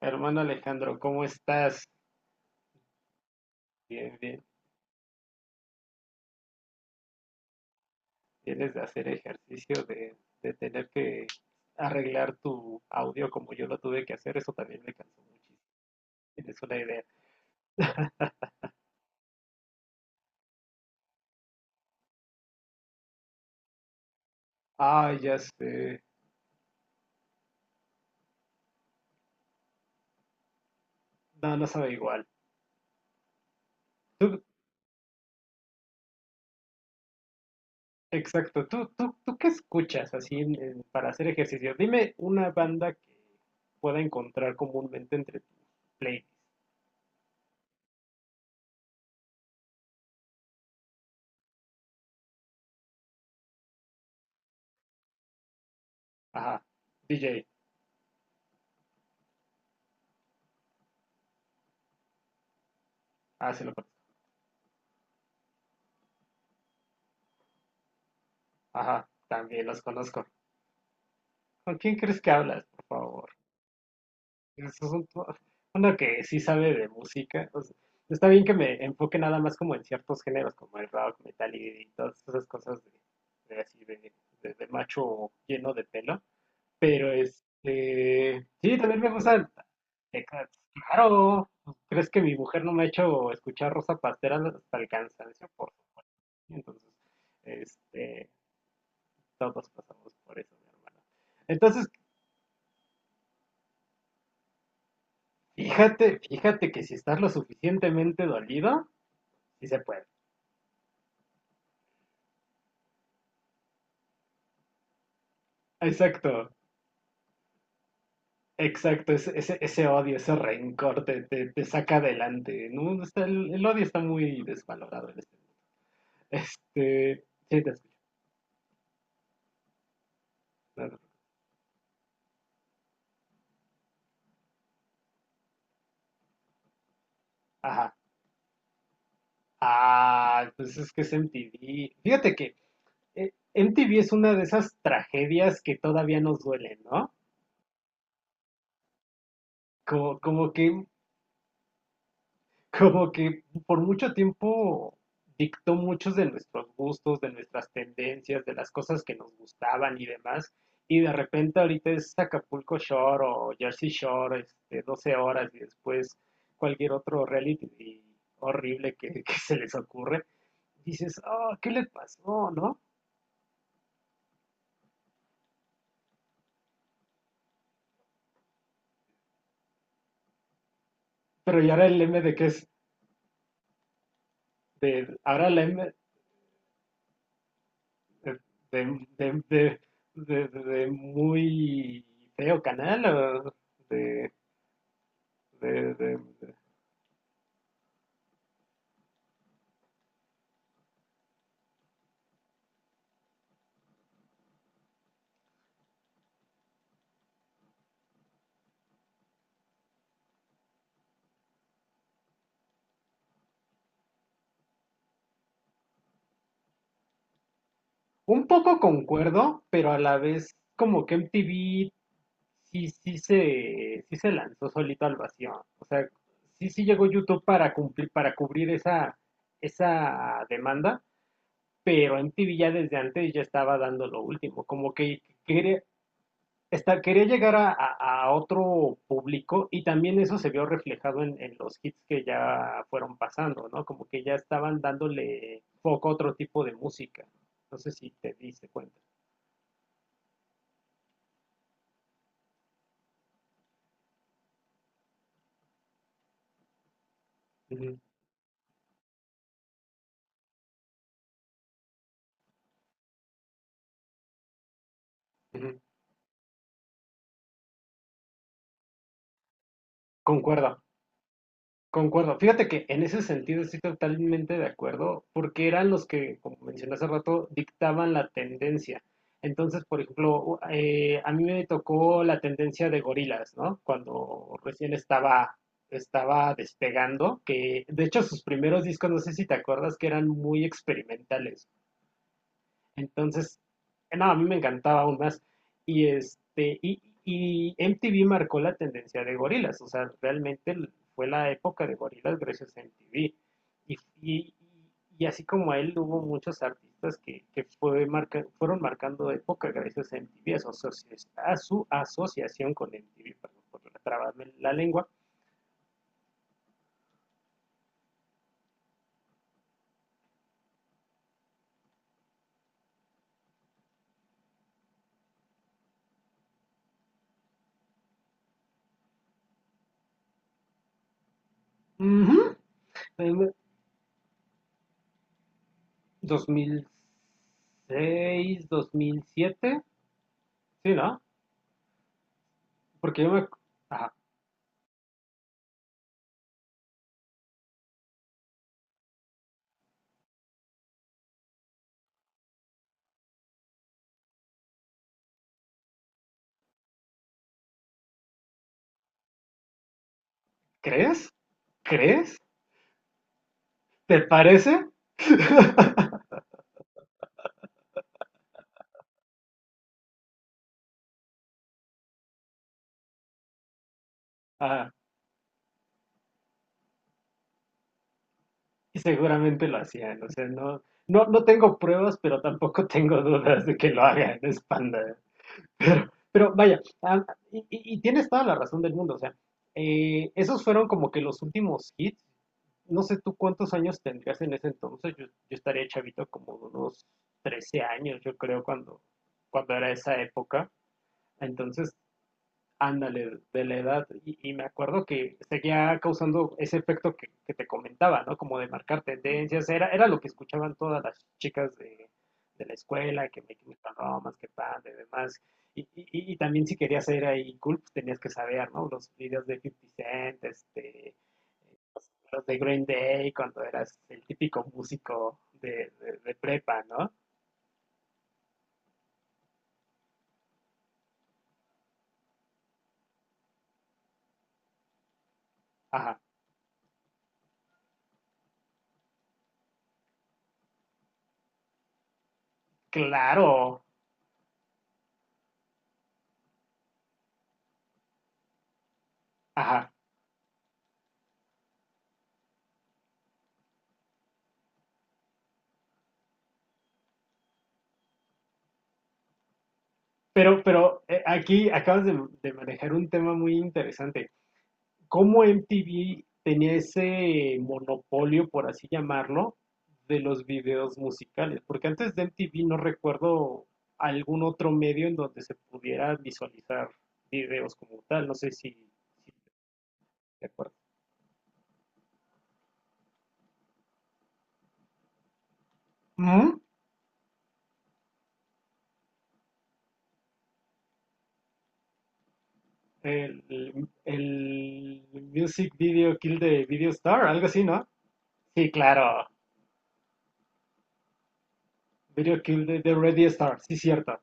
Hermano Alejandro, ¿cómo estás? Bien, bien. Tienes de hacer ejercicio de tener que arreglar tu audio como yo lo tuve que hacer. Eso también me cansó muchísimo. Tienes una idea. Ah, ya sé. No, no sabe igual. Tú, exacto. ¿Tú qué escuchas así para hacer ejercicio? Dime una banda que pueda encontrar comúnmente entre tus playlists. Ajá. DJ. Ah, se lo conozco. Ajá. También los conozco. ¿Con quién crees que hablas, por favor? Eso es un po- Uno que sí sabe de música. O sea, está bien que me enfoque nada más como en ciertos géneros, como el rock, metal y todas esas cosas de así de, de macho lleno de pelo. Pero este, sí, también me gusta. Tecas. Claro, ¿crees que mi mujer no me ha hecho escuchar Rosa Pastera hasta el cansancio? Por supuesto. Entonces, este, todos pasamos por eso, mi hermano. Entonces, fíjate que si estás lo suficientemente dolido, sí se puede. Exacto, ese odio, ese rencor te saca adelante, ¿no? El odio está muy desvalorado en este mundo. Este, sí, te escucho. No, no. Ajá. Ah, pues es que es MTV. Fíjate que MTV es una de esas tragedias que todavía nos duelen, ¿no? Como que como que por mucho tiempo dictó muchos de nuestros gustos, de nuestras tendencias, de las cosas que nos gustaban y demás. Y de repente ahorita es Acapulco Shore o Jersey Shore, este, 12 horas y después cualquier otro reality horrible que se les ocurre. Dices, oh, ¿qué le pasó, no? Pero ¿y ahora el M de que es? De, ahora la M eh, de, de, de- de- De muy feo canal, o de, de- de- de- un poco concuerdo, pero a la vez como que MTV sí se lanzó solito al vacío. O sea, sí llegó YouTube para cumplir, para cubrir esa demanda, pero MTV ya desde antes ya estaba dando lo último. Como que quería- Está, Quería llegar a, a otro público y también eso se vio reflejado en los hits que ya fueron pasando, ¿no? Como que ya estaban dándole foco a otro tipo de música. No sé si te diste cuenta. Ujú, ujú. Concuerdo. Concuerdo. Fíjate que en ese sentido estoy totalmente de acuerdo, porque eran los que, como mencioné hace rato, dictaban la tendencia. Entonces, por ejemplo, a mí me tocó la tendencia de gorilas, ¿no? Estaba despegando, que de hecho sus primeros discos, no sé si te acuerdas, que eran muy experimentales. Entonces, no, a mí me encantaba aún más. Y este, y MTV marcó la tendencia de gorilas, o sea, realmente fue la época de gorilas gracias a MTV. Y, y, y así como a él, hubo muchos artistas que fueron marcando época gracias a MTV, a su asociación con MTV, perdón por trabarme la lengua. Uh-huh. 2006, 2007 sí, ¿no? Porque yo me... ajá. ¿Crees? ¿Crees? ¿Te parece? Ah, y seguramente lo hacían, o sea, no tengo pruebas, pero tampoco tengo dudas de que lo hagan, es panda. Pero vaya, ah, y tienes toda la razón del mundo, o sea, esos fueron como que los últimos hits. No sé tú cuántos años tendrías en ese entonces, yo estaría chavito como de unos 13 años, yo creo, cuando era esa época. Entonces, ándale, de la edad. Y me acuerdo que seguía causando ese efecto que te comentaba, ¿no? Como de marcar tendencias. Era lo que escuchaban todas las chicas de la escuela, que me más que pan, de demás. Y también si querías ser ahí cool, pues tenías que saber, ¿no? Los videos de Fifty Cent, este, los de Green Day, cuando eras el típico músico de prepa, ¿no? Ajá, claro, ajá. Pero aquí acabas de manejar un tema muy interesante. ¿Cómo MTV tenía ese monopolio, por así llamarlo, de los videos musicales? Porque antes de MTV no recuerdo algún otro medio en donde se pudiera visualizar videos como tal. No sé si, si te acuerdas. Ujú. El Music Video Kill de Video Star, algo así, ¿no? Sí, claro. Video Kill de Radio Star, sí, cierto.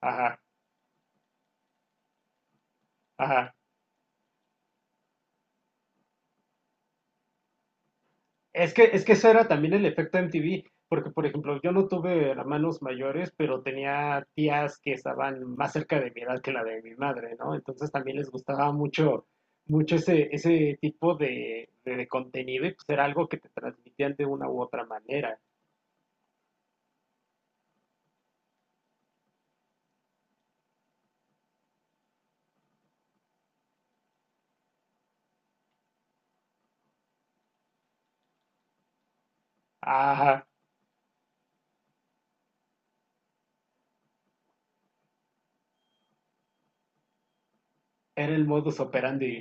Ajá, ajá. Es que eso era también el efecto MTV, porque por ejemplo, yo no tuve hermanos mayores, pero tenía tías que estaban más cerca de mi edad que la de mi madre, ¿no? Entonces también les gustaba mucho, mucho ese tipo de contenido y pues era algo que te transmitían de una u otra manera. Ajá, era el modus operandi.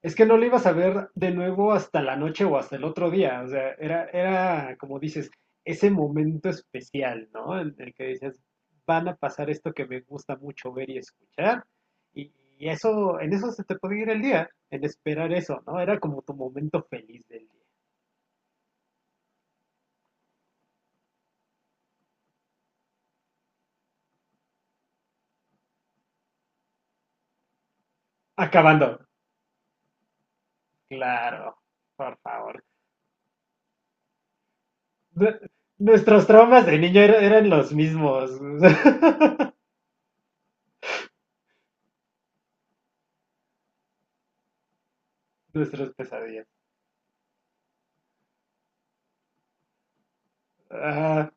Es que no lo ibas a ver de nuevo hasta la noche o hasta el otro día. O sea, era como dices, ese momento especial, ¿no? En el que dices, van a pasar esto que me gusta mucho ver y escuchar. Y, y eso, en eso se te puede ir el día, en esperar eso, ¿no? Era como tu momento feliz del día. Acabando. Claro, por favor. Nu- Nuestros traumas de niño eran los mismos. Nuestras pesadillas. Ah,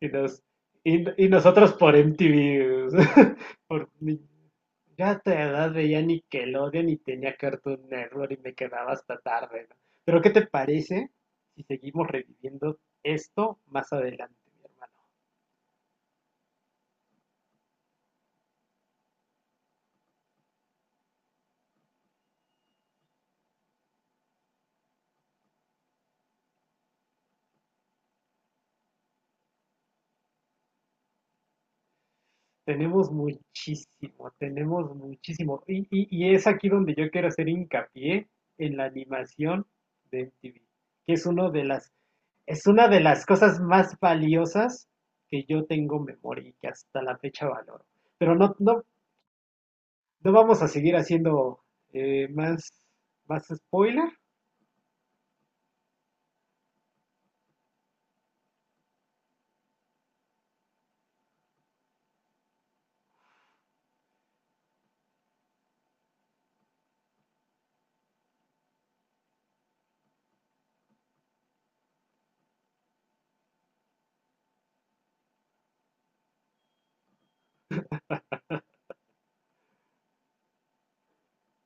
Y, nos, y nosotros por MTV, o sea, por mi- yo a tu edad veía Nickelodeon y tenía Cartoon Network y me quedaba hasta tarde, ¿no? Pero ¿qué te parece si seguimos reviviendo esto más adelante, mi hermano? Tenemos muchísimo, tenemos muchísimo. Y es aquí donde yo quiero hacer hincapié en la animación de MTV, que es una de las... Es una de las cosas más valiosas que yo tengo en memoria y que hasta la fecha valoro. Pero no vamos a seguir haciendo eh, más, más spoiler.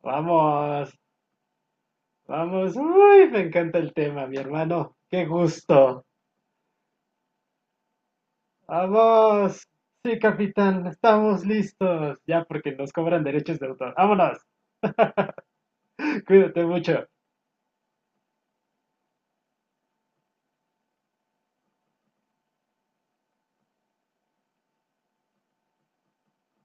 Vamos, vamos. Uy, me encanta el tema, mi hermano. Qué gusto. Vamos. Sí, capitán, estamos listos. Ya porque nos cobran derechos de autor. Vámonos. Cuídate mucho.